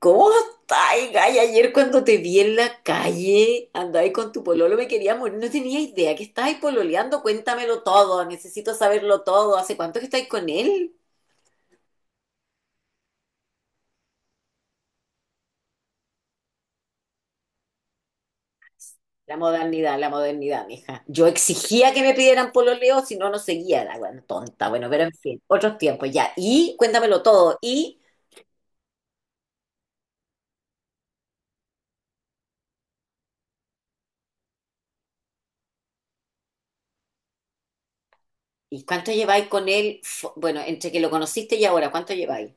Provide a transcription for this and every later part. ¿Cómo estáis, Gay? Ayer cuando te vi en la calle, andáis con tu pololo, me quería morir. No tenía idea que estabais pololeando. Cuéntamelo todo, necesito saberlo todo. ¿Hace cuánto que estáis con él? La modernidad, mija. Yo exigía que me pidieran pololeo, si no, no seguía. La bueno, tonta, bueno, pero en fin, otros tiempos ya. Y cuéntamelo todo. ¿Y cuánto lleváis con él? Bueno, entre que lo conociste y ahora, ¿cuánto lleváis?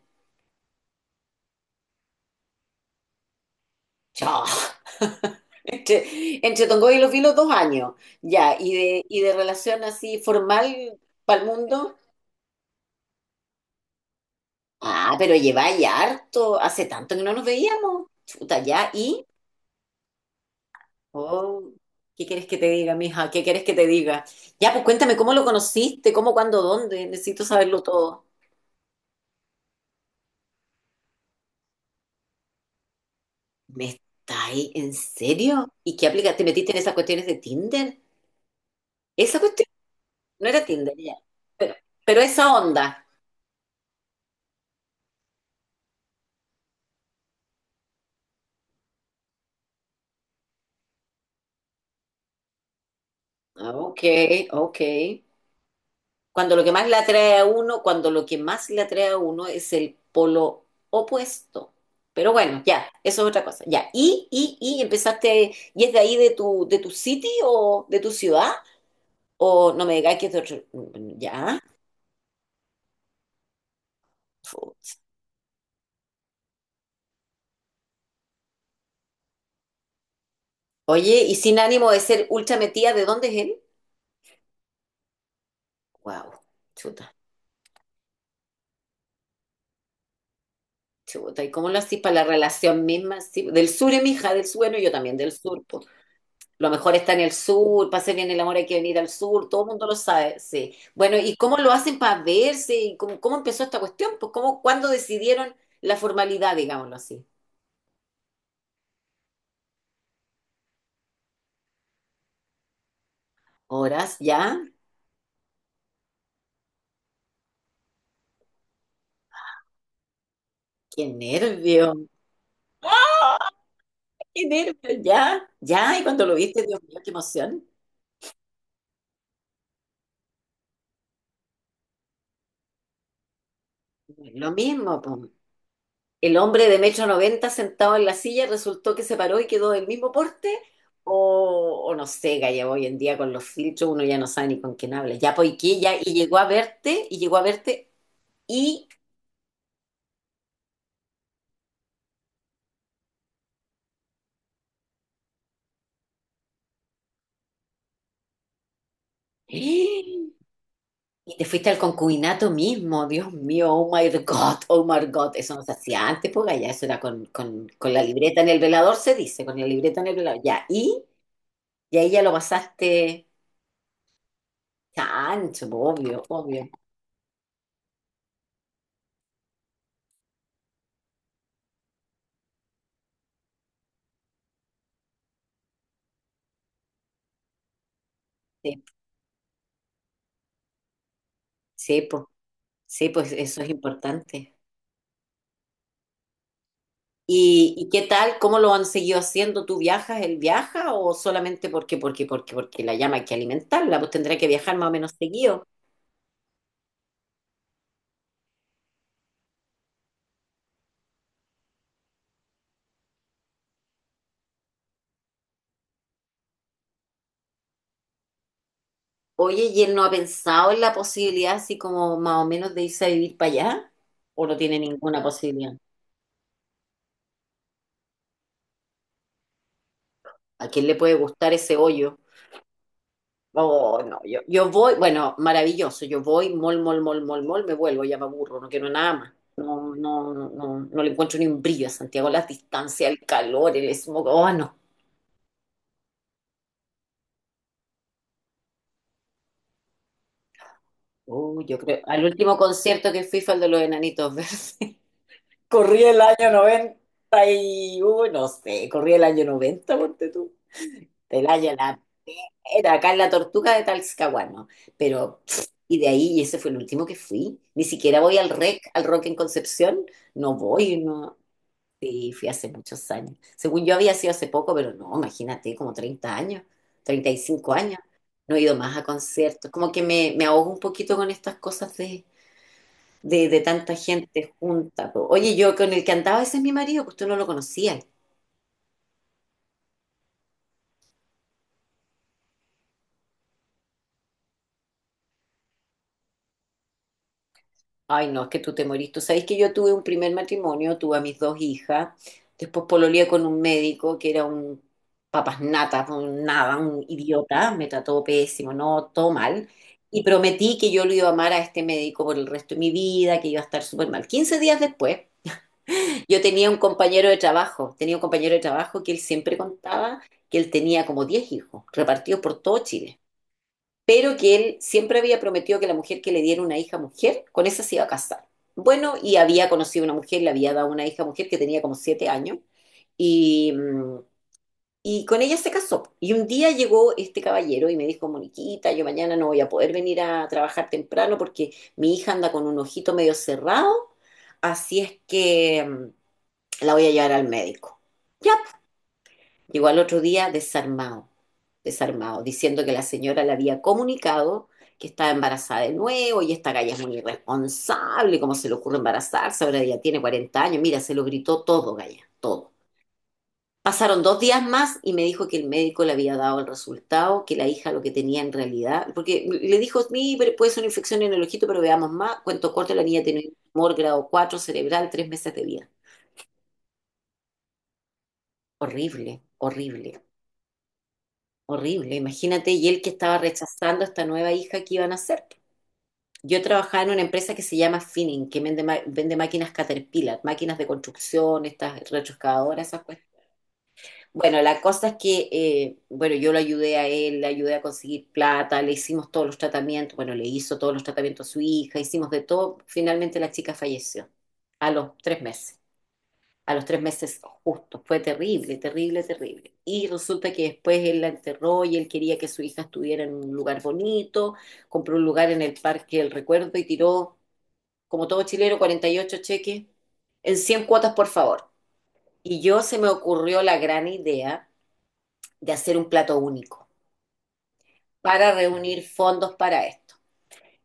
Chao. Entre Tongoy y Los Vilos, 2 años. Ya, y de relación así formal para el mundo. Ah, pero lleváis harto. Hace tanto que no nos veíamos. Chuta, ya. ¿Y? Oh, ¿qué quieres que te diga, mija? ¿Qué quieres que te diga? Ya, pues cuéntame cómo lo conociste, cómo, cuándo, dónde. Necesito saberlo todo. ¿Me estáis en serio? ¿Y qué aplica? ¿Te metiste en esas cuestiones de Tinder? ¿Esa cuestión? No era Tinder, ya. Pero, pero esa onda. Ah, ok, ok. Cuando lo que más le atrae a uno, cuando lo que más le atrae a uno es el polo opuesto. Pero bueno, ya, eso es otra cosa. Ya. ¿Y empezaste, y es de ahí de tu city o de tu ciudad? O no me digas que es de otro. Mm, ya. Fu- Oye, y sin ánimo de ser ultra metida, ¿de dónde es él? Wow, chuta, chuta. ¿Y cómo lo haces para la relación misma? Sí, del sur, mi hija, del sur, bueno, yo también del sur. Lo mejor está en el sur, para hacer bien el amor hay que venir al sur, todo el mundo lo sabe, sí. Bueno, ¿y cómo lo hacen para verse? ¿Y cómo empezó esta cuestión? Pues, ¿cómo, cuándo decidieron la formalidad, digámoslo así? ¿Horas ya? ¡Qué nervio! ¡Qué nervio! ¿Ya? ¿Ya? ¿Y cuando lo viste, Dios mío, qué emoción? Lo mismo, pues. ¿El hombre de 1,90 sentado en la silla resultó que se paró y quedó del mismo porte? O no sé, Gaya, hoy en día con los filtros uno ya no sabe ni con quién habla. Ya poiqué, ya, y llegó a verte, y llegó a verte, y, y te fuiste al concubinato mismo. Dios mío, oh my God, oh my God. Eso no se hacía antes, pues Gaya, eso era con la libreta en el velador, se dice, con la libreta en el velador. Ya, y ahí ya lo pasaste chancho, pues, obvio, obvio. Sí. Sí, pues, sí, pues eso es importante. ¿Y qué tal? ¿Cómo lo han seguido haciendo? ¿Tú viajas, él viaja o solamente porque la llama hay que alimentarla? Pues tendrá que viajar más o menos seguido. Oye, ¿y él no ha pensado en la posibilidad así como más o menos de irse a vivir para allá? ¿O no tiene ninguna posibilidad? ¿A quién le puede gustar ese hoyo? Oh, no, yo voy, bueno, maravilloso, yo voy, mol, mol, mol, mol, mol, me vuelvo, ya me aburro, no quiero nada más. No, no, no, no, no le encuentro ni un brillo a Santiago, las distancias, el calor, el smog, oh, no. Oh, yo creo, al último concierto que fui fue el de los Enanitos Verdes. Corrí el año 91, no sé, corrí el año 1990 ponte tú. El año, la Era acá en la Tortuga de Talcahuano, pero pff, y de ahí, y ese fue el último que fui. Ni siquiera voy al REC, al Rock en Concepción, no voy, no. Sí, fui hace muchos años. Según yo había sido hace poco, pero no, imagínate, como 30 años, 35 años. No he ido más a conciertos. Como que me ahogo un poquito con estas cosas de tanta gente junta. Po. Oye, yo con el que andaba, ese es mi marido, pues tú no lo conocías. Ay, no, es que tú te morís. Tú sabes que yo tuve un primer matrimonio, tuve a mis 2 hijas, después pololeé con un médico que era un papas nata, un nada, un idiota, me trató pésimo, no, todo mal. Y prometí que yo lo iba a amar a este médico por el resto de mi vida, que iba a estar súper mal. 15 días después, yo tenía un compañero de trabajo, tenía un compañero de trabajo que él siempre contaba que él tenía como 10 hijos, repartidos por todo Chile, pero que él siempre había prometido que la mujer que le diera una hija mujer, con esa se iba a casar. Bueno, y había conocido una mujer, le había dado una hija mujer que tenía como 7 años, y, y con ella se casó. Y un día llegó este caballero y me dijo, Moniquita, yo mañana no voy a poder venir a trabajar temprano porque mi hija anda con un ojito medio cerrado, así es que la voy a llevar al médico. Ya, llegó al otro día desarmado, desarmado, diciendo que la señora le había comunicado que estaba embarazada de nuevo y esta galla es muy irresponsable, ¿cómo se le ocurre embarazarse? Ahora ya tiene 40 años, mira, se lo gritó todo, galla, todo. Pasaron dos días más y me dijo que el médico le había dado el resultado, que la hija lo que tenía en realidad, porque le dijo, sí, pero puede ser una infección en el ojito, pero veamos más. Cuento corto, la niña tenía un tumor grado 4 cerebral, 3 meses de vida. Horrible, horrible. Horrible, imagínate, y él que estaba rechazando a esta nueva hija que iban a hacer. Yo trabajaba en una empresa que se llama Finning, que vende máquinas Caterpillar, máquinas de construcción, estas retroexcavadoras, esas cuestiones. Bueno, la cosa es que, bueno, yo lo ayudé a él, le ayudé a conseguir plata, le hicimos todos los tratamientos, bueno, le hizo todos los tratamientos a su hija, hicimos de todo. Finalmente la chica falleció a los tres meses, justo. Fue terrible, terrible, terrible. Y resulta que después él la enterró y él quería que su hija estuviera en un lugar bonito, compró un lugar en el Parque del Recuerdo y tiró, como todo chileno, 48 cheques en 100 cuotas, por favor. Y yo se me ocurrió la gran idea de hacer un plato único para reunir fondos para esto.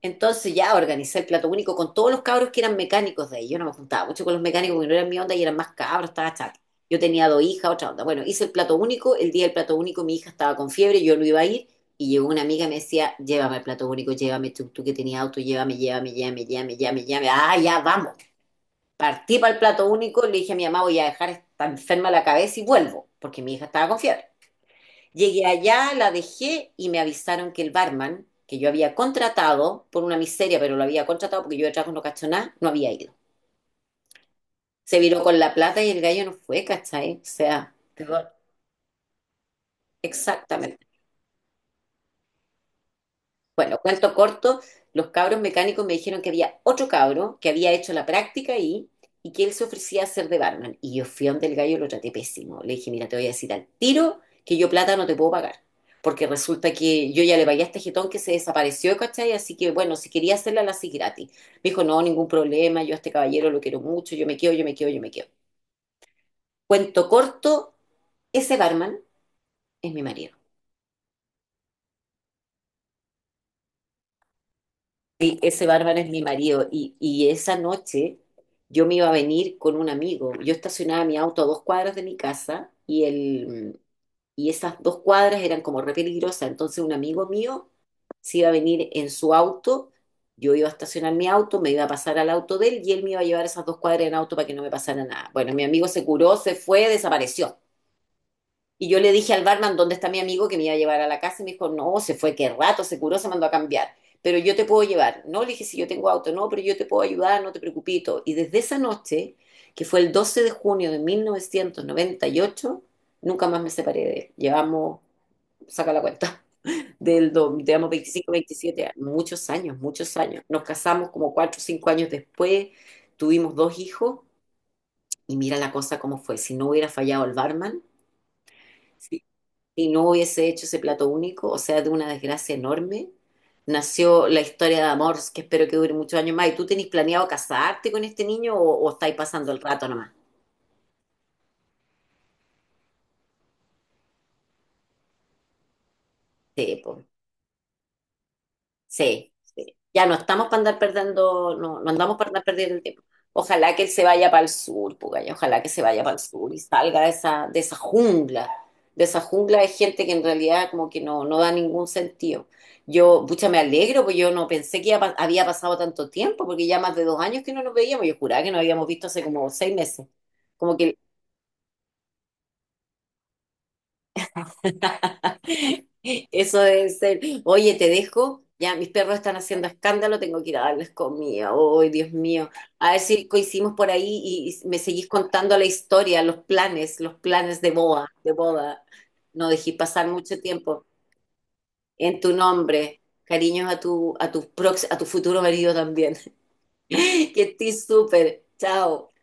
Entonces ya organizé el plato único con todos los cabros que eran mecánicos de ahí. Yo no me juntaba mucho con los mecánicos porque no eran mi onda y eran más cabros, estaba chata. Yo tenía 2 hijas, otra onda. Bueno, hice el plato único. El día del plato único mi hija estaba con fiebre, yo no iba a ir. Y llegó una amiga y me decía, llévame al plato único, llévame tú, tú que tenías auto, llévame, llévame, llévame, llévame, llévame, llévame. Ah, ya, vamos. Partí para el plato único, le dije a mi mamá, voy a dejar esta enferma la cabeza y vuelvo, porque mi hija estaba con fiebre. Llegué allá, la dejé y me avisaron que el barman, que yo había contratado por una miseria, pero lo había contratado porque yo de trabajo no cacho nada, no había ido. Se viró con la plata y el gallo no fue, ¿cachai? O sea, perdón, exactamente. Bueno, cuento corto, los cabros mecánicos me dijeron que había otro cabro que había hecho la práctica ahí y que él se ofrecía a ser de barman. Y yo fui donde el gallo, lo traté pésimo. Le dije, mira, te voy a decir al tiro que yo plata no te puedo pagar. Porque resulta que yo ya le pagué a este jetón que se desapareció, ¿cachai? Así que, bueno, si quería hacerla, la hacía gratis. Me dijo, no, ningún problema, yo a este caballero lo quiero mucho, yo me quedo, yo me quedo, yo me quedo. Cuento corto, ese barman es mi marido. Sí, ese bárbaro es mi marido. Y esa noche yo me iba a venir con un amigo. Yo estacionaba mi auto a 2 cuadras de mi casa y esas 2 cuadras eran como re peligrosas. Entonces un amigo mío se iba a venir en su auto. Yo iba a estacionar mi auto, me iba a pasar al auto de él y él me iba a llevar esas 2 cuadras en auto para que no me pasara nada. Bueno, mi amigo se curó, se fue, desapareció. Y yo le dije al barman dónde está mi amigo que me iba a llevar a la casa y me dijo, no, se fue, qué rato, se curó, se mandó a cambiar. Pero yo te puedo llevar. No, le dije, si yo tengo auto. No, pero yo te puedo ayudar, no te preocupes. Y desde esa noche, que fue el 12 de junio de 1998, nunca más me separé de él. Llevamos, saca la cuenta, digamos, 25, 27 años, muchos años, muchos años. Nos casamos como 4 o 5 años después, tuvimos 2 hijos y mira la cosa cómo fue. Si no hubiera fallado el barman, si si no hubiese hecho ese plato único, o sea, de una desgracia enorme, nació la historia de amor, que espero que dure muchos años más. ¿Y tú tenés planeado casarte con este niño o estáis pasando el rato nomás? Sí, pues. Sí, sí. Ya no estamos para andar perdiendo, no, no andamos para andar perdiendo el tiempo. Ojalá que él se vaya para el sur, Pugaya, ojalá que se vaya para el sur y salga de esa jungla, de esa jungla de gente que en realidad como que no, no da ningún sentido. Yo, pucha, me alegro, porque yo no pensé que ya había pasado tanto tiempo, porque ya más de 2 años que no nos veíamos, yo juraba que nos habíamos visto hace como 6 meses. Como que eso debe ser. Oye, te dejo. Ya, mis perros están haciendo escándalo, tengo que ir a darles comida. Ay, Dios mío. A ver si coincidimos por ahí y me seguís contando la historia, los planes de boda, de boda. No dejé pasar mucho tiempo en tu nombre. Cariños a tu futuro marido también. Que estés súper. Chao.